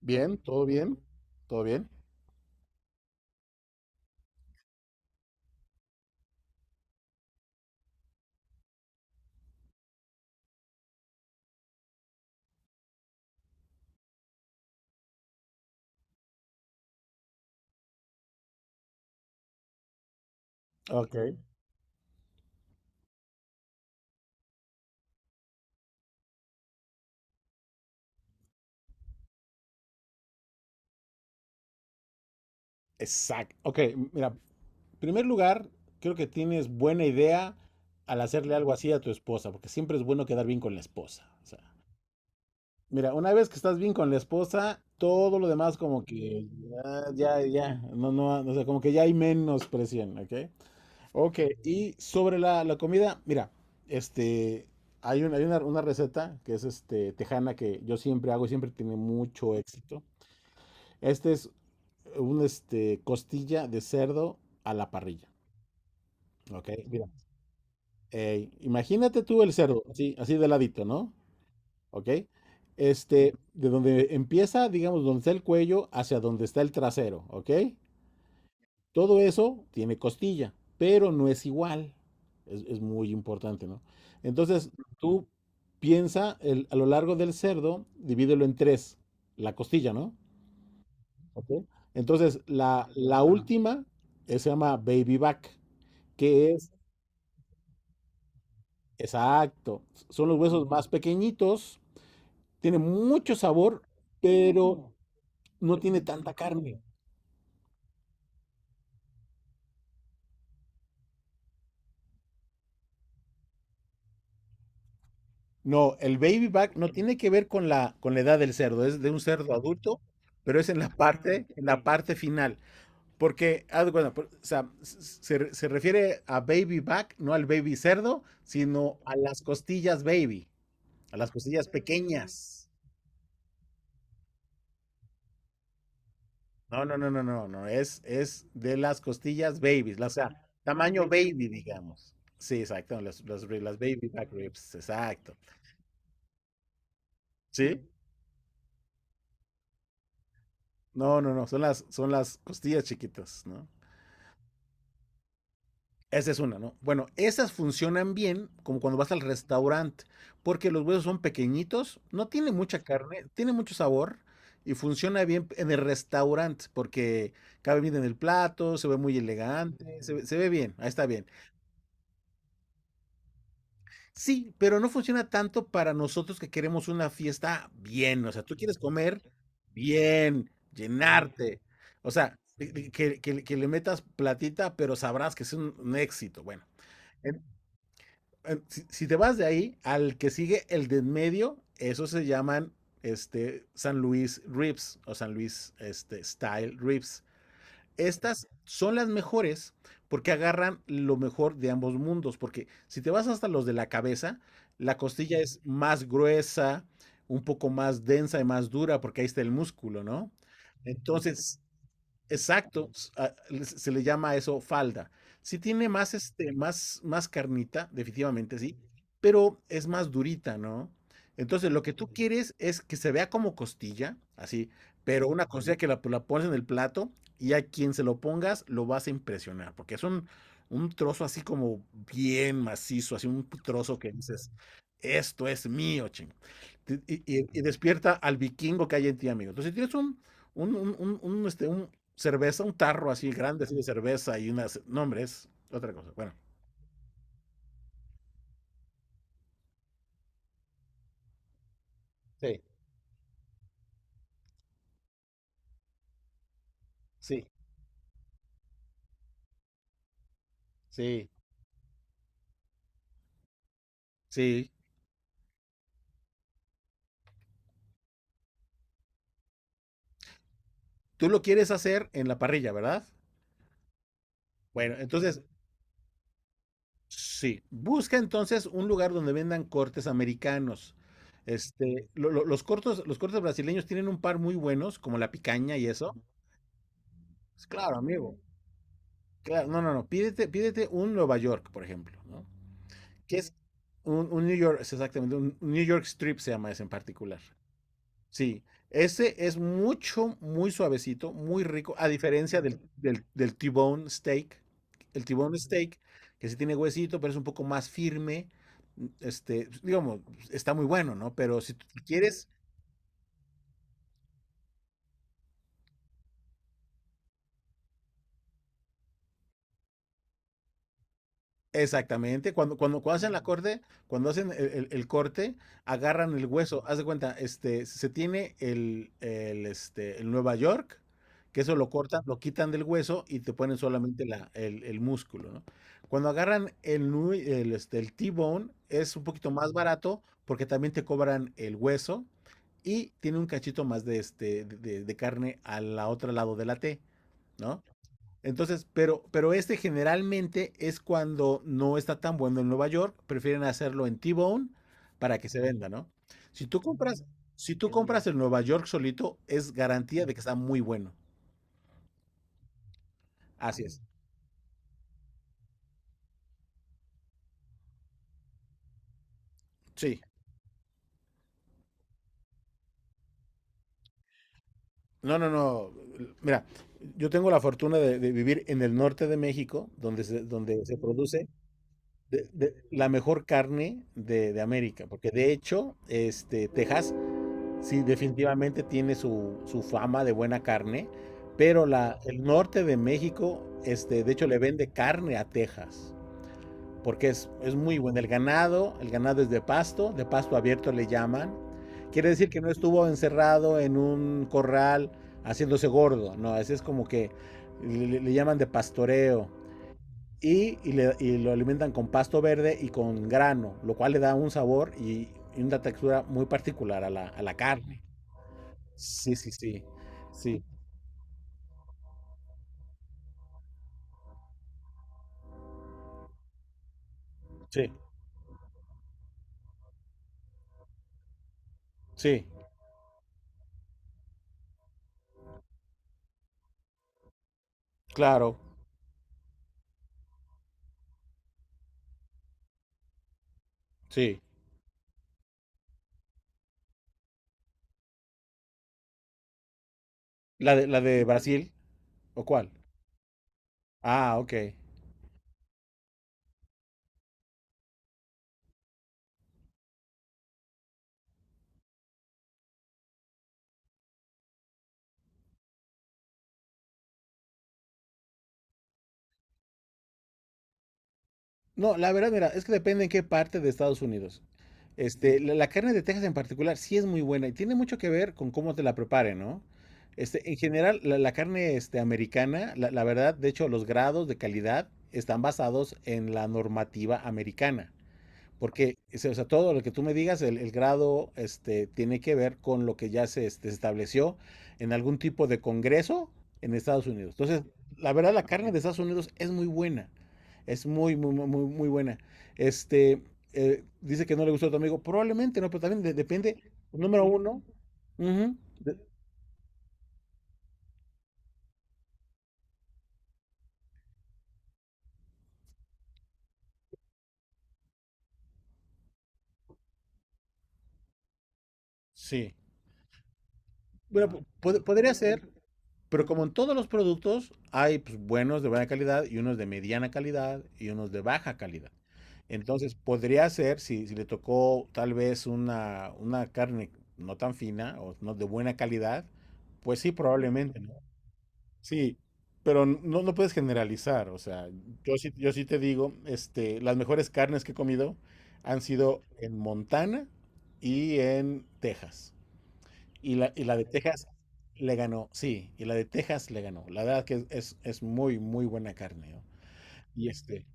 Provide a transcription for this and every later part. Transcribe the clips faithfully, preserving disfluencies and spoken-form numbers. Bien, todo bien, todo bien. Ok. Exacto. Ok, mira, en primer lugar, creo que tienes buena idea al hacerle algo así a tu esposa, porque siempre es bueno quedar bien con la esposa. O sea, mira, una vez que estás bien con la esposa, todo lo demás como que ya, ya, ya, no, no, o sea, como que ya hay menos presión, ¿ok? Ok, y sobre la, la comida, mira, este, hay, un- hay una, una receta que es este, tejana que yo siempre hago y siempre tiene mucho éxito. Este es un este, costilla de cerdo a la parrilla. Ok, mira. eh, imagínate tú el cerdo, así, así de ladito, ¿no? Ok. Este, de donde empieza, digamos, donde está el cuello, hacia donde está el trasero, ¿ok? Todo eso tiene costilla, pero no es igual. Es, es muy importante, ¿no? Entonces, tú piensa el- a lo largo del cerdo, divídelo en tres, la costilla, ¿no? Ok. Entonces, la, la última eh, se llama baby back, que es, exacto, son los huesos más pequeñitos, tiene mucho sabor, pero no tiene tanta carne. No, el baby back no tiene que ver con la, con la edad del cerdo, es de un cerdo adulto, pero es en la parte, en la parte final. Porque, haz de cuenta, por- o sea, se, se refiere a baby back, no al baby cerdo, sino a las costillas baby, a las costillas pequeñas. No, no, no, no, no, no, es, es de las costillas babies, la- o sea, tamaño baby, digamos. Sí, exacto, las, las, ri- las baby back ribs, exacto. ¿Sí? No, no, no, son las, son las costillas chiquitas, ¿no? Esa es una, ¿no? Bueno, esas funcionan bien como cuando vas al restaurante, porque los huesos son pequeñitos, no tiene mucha carne, tiene mucho sabor y funciona bien en el restaurante porque cabe bien en el plato, se ve muy elegante, se, ve- se ve bien, ahí está bien. Sí, pero no funciona tanto para nosotros que queremos una fiesta bien. O sea, tú quieres comer bien, llenarte. O sea, que, que- que- que le metas platita, pero sabrás que es un, un éxito. Bueno, en- en- si, si te vas de ahí al que sigue el de en medio, esos se llaman este, San Luis Ribs o San Luis este, Style Ribs. Estas son las mejores porque agarran lo mejor de ambos mundos, porque si te vas hasta los de la cabeza, la costilla es más gruesa, un poco más densa y más dura, porque ahí está el músculo, ¿no? Entonces, exacto, s- a- le- se le llama a eso falda. Sí tiene más, este, más, más carnita, definitivamente sí, pero es más durita, ¿no? Entonces, lo que tú, ujú, quieres es que se vea como costilla, así, pero una costilla que la, la pones en el plato y a quien se lo pongas lo vas a impresionar, porque es un, un trozo así como bien macizo, así un trozo que dices, esto es mío, ching. Te- Y, y- y despierta al vikingo que hay en ti, amigo. Entonces, si tienes un, un, un, un- un, este, un cerveza, un tarro así grande, así de cerveza y unas. No, hombre, es otra cosa. Bueno, sí, sí, sí, sí. Tú lo quieres hacer en la parrilla, ¿verdad? Bueno, entonces, sí. Busca entonces un lugar donde vendan cortes americanos. Este, lo- lo- los cortos, los cortes brasileños tienen un par muy buenos, como la picaña y eso. Pues, claro, amigo. Claro, no, no, no. Pídete, pídete un Nueva York, por ejemplo, ¿no? Que es un, un New York, es exactamente, un un New York Strip se llama ese en particular. Sí, ese es mucho, muy suavecito, muy rico, a diferencia del, del, del T-bone steak. El T-bone steak, que sí tiene huesito, pero es un poco más firme. mm, Este, digamos, está muy bueno, ¿no? Pero si tú quieres. Exactamente, cuando, cuando, cuando hacen la corte, cuando hacen el, el- el corte, agarran el hueso. Haz de cuenta, este, se tiene el, el, este, el Nueva York, que eso lo cortan, lo quitan del hueso y te ponen solamente la, el, el músculo, ¿no? Cuando agarran el, nu- el, este, el T-bone, es un poquito más barato porque también te cobran el hueso y tiene un cachito más de, este, de, de- de carne al otro lado de la T, ¿no? Entonces, pero, pero este generalmente es cuando no está tan bueno en Nueva York, prefieren hacerlo en T-Bone para que se venda, ¿no? Si tú compras, si tú compras el Nueva York solito, es garantía de que está muy bueno. Así es. Sí. No, no, no. Mira, yo tengo la fortuna de, de vivir en el norte de México, donde se, donde se produce de- de- la mejor carne de, de América, porque de hecho, este, Texas. Sí, definitivamente tiene su, su fama de buena carne, pero la, el norte de México, este, de hecho, le vende carne a Texas, porque es, es muy bueno. El ganado, el ganado es de pasto, de pasto abierto le llaman. Quiere decir que no estuvo encerrado en un corral haciéndose gordo, no, ese es como que le, le llaman de pastoreo. Y, y, le- y lo alimentan con pasto verde y con grano, lo cual le da un sabor y, y una textura muy particular a la, a la carne. Sí, sí, sí. Sí, sí, sí, claro, sí. ¿La de, la de Brasil? ¿O cuál? Ah, ok. No, la verdad, mira, es que depende en qué parte de Estados Unidos. Este, la, la carne de Texas en particular sí es muy buena y tiene mucho que ver con cómo te la preparen, ¿no? Este, en general, la, la carne este, americana, la, la verdad, de hecho, los grados de calidad están basados en la normativa americana. Porque, o sea, todo lo que tú me digas, el, el grado este, tiene que ver con lo que ya se este, estableció en algún tipo de congreso en Estados Unidos. Entonces, la verdad, la carne de Estados Unidos es muy buena. Es muy, muy, muy, muy muy buena. Este, eh, dice que no le gustó a tu amigo. Probablemente no, pero también de- depende. Número uno. Ujú, de- sí. Bueno, po- pod- podría ser. Pero como en todos los productos, hay pues, buenos de buena calidad y unos de mediana calidad y unos de baja calidad. Entonces, podría ser, si, si le tocó tal vez una, una carne no tan fina o no de buena calidad, pues sí, probablemente, ¿no? Sí, pero no, no puedes generalizar, o sea, yo sí, yo sí te digo, este, las mejores carnes que he comido han sido en Montana y en Texas. Y la, y la de Texas le ganó, sí, y la de Texas le ganó. La verdad que es, es muy, muy buena carne, ¿no? Y este,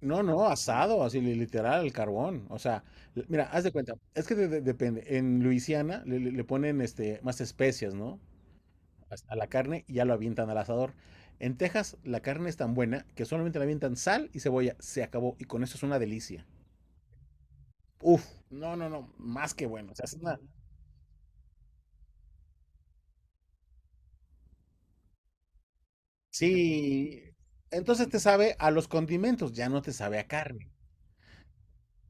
no, no, asado, así li- literal, al carbón. O sea, l- mira, haz de cuenta, es que de- de- depende. En Luisiana le, le- le ponen este, más especias, ¿no? As- A la carne y ya lo avientan al asador. En Texas la carne es tan buena que solamente le avientan sal y cebolla. Se acabó. Y con eso es una delicia. Uf, no, no, no, más que bueno. O sea, es una. Sí, entonces te sabe a los condimentos, ya no te sabe a carne.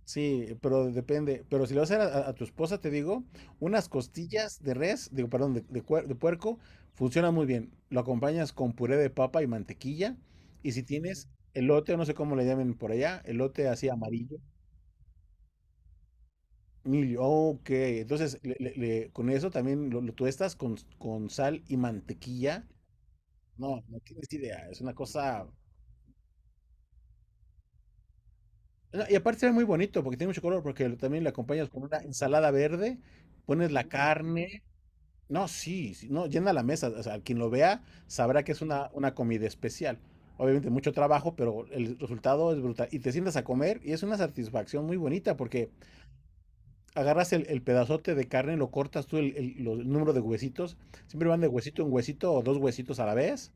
Sí, pero depende. Pero si lo vas a hacer a, a tu esposa, te digo, unas costillas de res, digo, perdón, de, de cuer- de puerco, funciona muy bien. Lo acompañas con puré de papa y mantequilla. Y si tienes elote, o no sé cómo le llamen por allá, elote así amarillo, milio, ok. Entonces, le- le- le- con eso también lo, lo tuestas con, con sal y mantequilla. No, no tienes idea, es una cosa. No, y aparte se ve muy bonito porque tiene mucho color, porque lo- también le acompañas con una ensalada verde, pones la carne. No, sí, sí, no, llena la mesa. O sea, quien lo vea sabrá que es una, una comida especial. Obviamente mucho trabajo, pero el resultado es brutal. Y te sientas a comer y es una satisfacción muy bonita porque agarras el, el pedazote de carne, lo cortas tú el, el- lo- el número de huesitos. Siempre van de huesito en huesito o dos huesitos a la vez.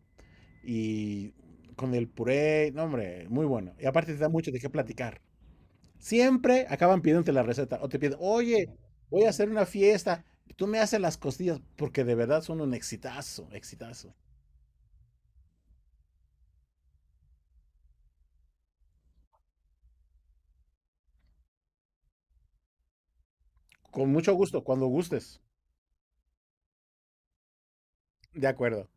Y con el puré, no, hombre, muy bueno. Y aparte te da mucho de qué platicar. Siempre acaban pidiéndote la receta o te piden, oye, voy a hacer una fiesta, tú me haces las costillas porque de verdad son un exitazo, exitazo. Con mucho gusto, cuando gustes. De acuerdo.